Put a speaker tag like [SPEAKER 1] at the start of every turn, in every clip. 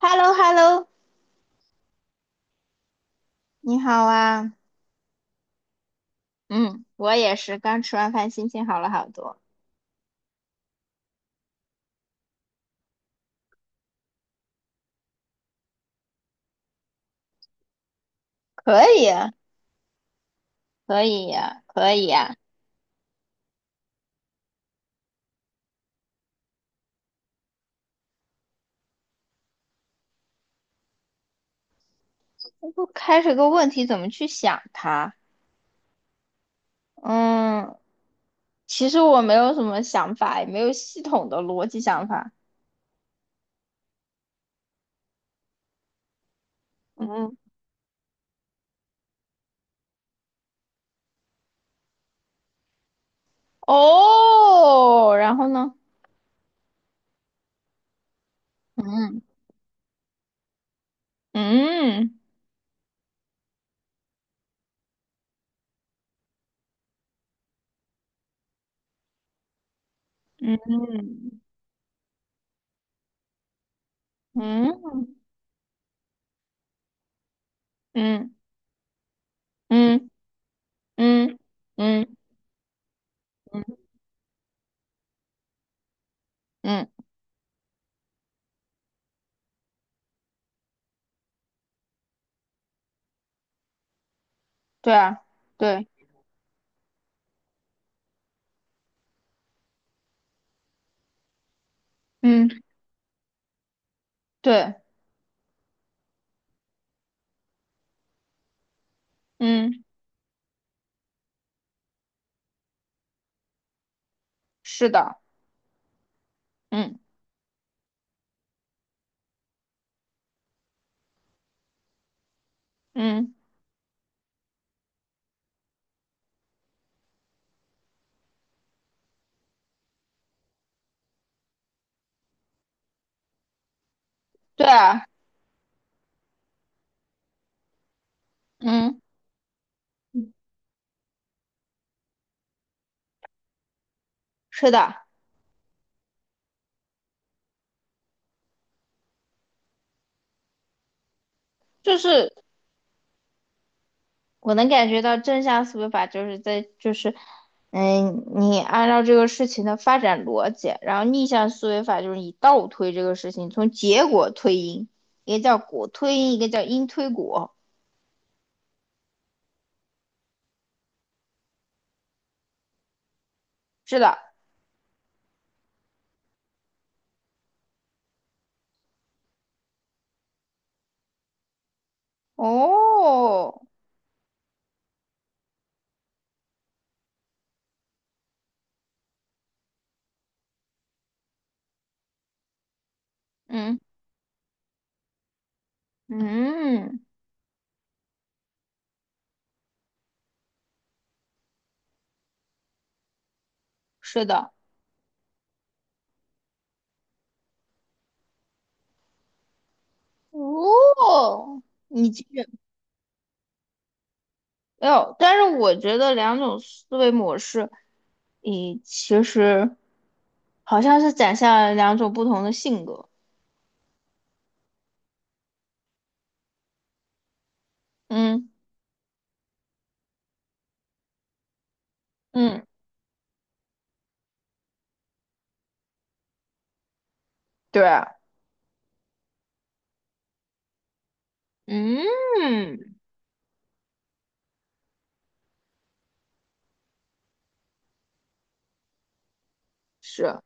[SPEAKER 1] h e l l o h e l l o 你好啊。嗯，我也是，刚吃完饭，心情好了好多。可以啊，可以呀，可以呀。我不开始个问题，怎么去想它？嗯，其实我没有什么想法，也没有系统的逻辑想法。嗯，哦，然后呢？嗯嗯嗯嗯嗯嗯嗯嗯嗯嗯，对啊，对，嗯对，嗯，是的。嗯嗯，对啊，嗯，是的，就是我能感觉到正向思维法就是在就是，嗯，你按照这个事情的发展逻辑，然后逆向思维法就是你倒推这个事情，从结果推因，一个叫果推因，一个叫因推果，是的，哦，嗯嗯，是的，哦，你继续，哎呦但是我觉得两种思维模式，你其实。好像是展现了两种不同的性格。嗯嗯，对，嗯是，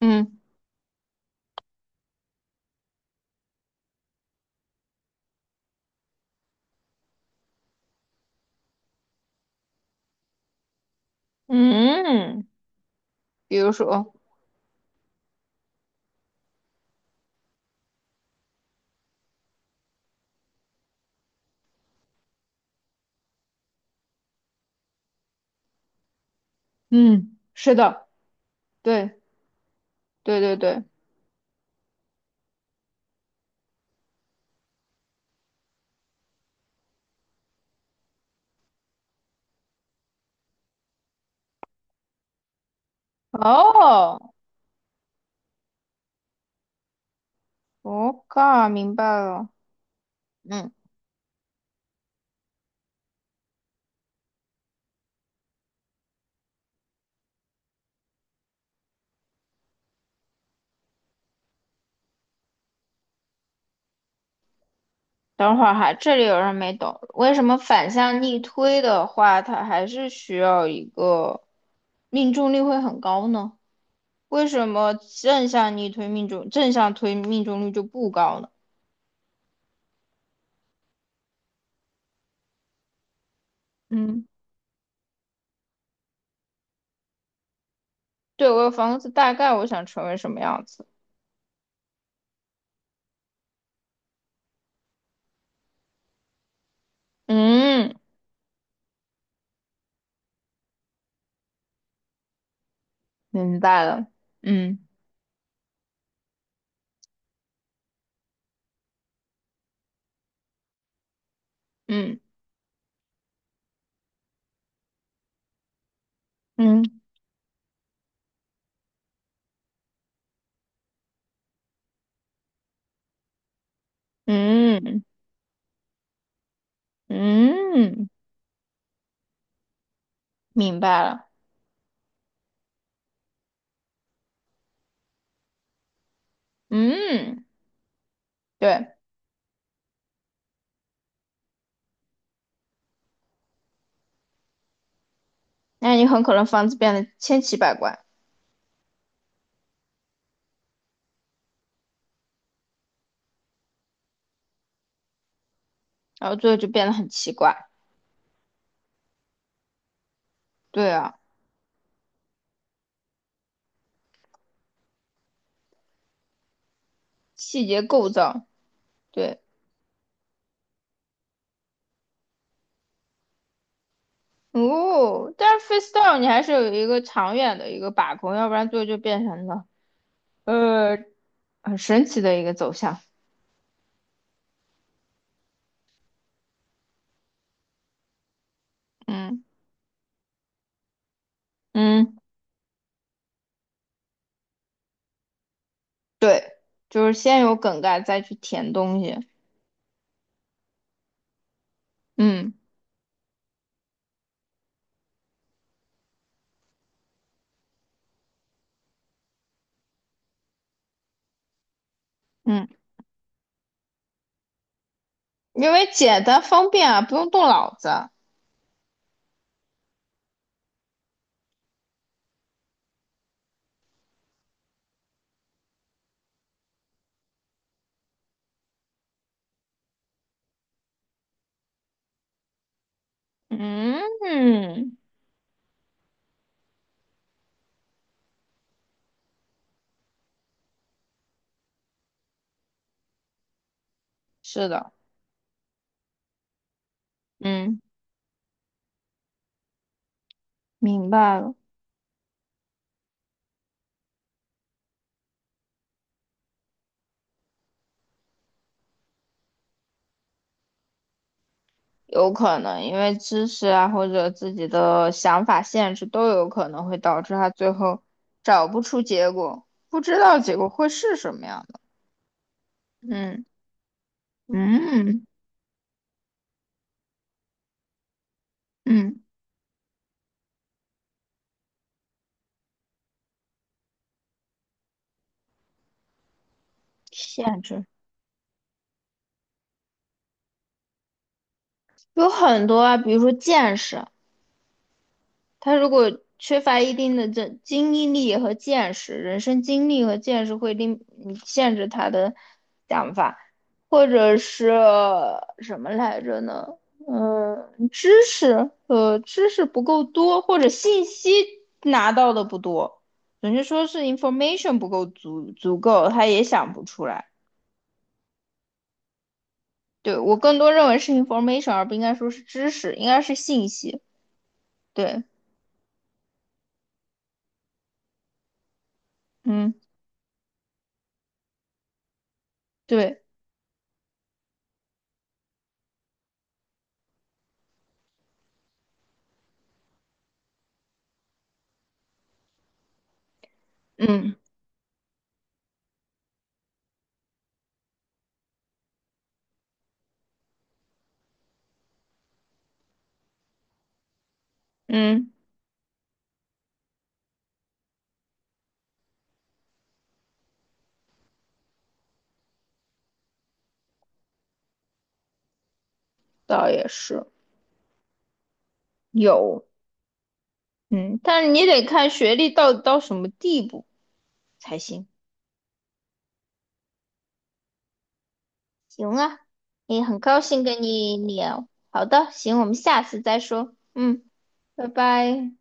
[SPEAKER 1] 嗯嗯比如说，嗯，是的，对对对对，哦，我靠，明白了，嗯，等会儿哈，这里有人没懂，为什么反向逆推的话，它还是需要一个命中率会很高呢？为什么正向逆推命中，正向推命中率就不高呢？嗯。对，我有房子，大概我想成为什么样子？嗯，明白了。嗯嗯嗯嗯嗯，明白了。嗯，对，那你很可能房子变得千奇百怪，然后最后就变得很奇怪。对啊，细节构造，对。哦，但是 freestyle 你还是有一个长远的一个把控，要不然最后就变成了呃很神奇的一个走向。嗯嗯。对，就是先有梗概再去填东西。嗯嗯，因为简单方便啊，不用动脑子。嗯嗯，是的，嗯，明白了。有可能因为知识啊或者自己的想法限制都有可能会导致他最后找不出结果，不知道结果会是什么样的。嗯嗯嗯，限制有很多啊，比如说见识。他如果缺乏一定的这经历和见识，人生经历和见识会令你限制他的想法，或者是什么来着呢？嗯，知识，知识不够多，或者信息拿到的不多，准确说是 information 不够足够，他也想不出来。对，我更多认为是 information，而不应该说是知识，应该是信息。对，嗯，对，嗯嗯，倒也是。有，嗯，但是你得看学历到底到什么地步才行。行啊，也很高兴跟你聊。好的，行，我们下次再说。嗯，拜拜。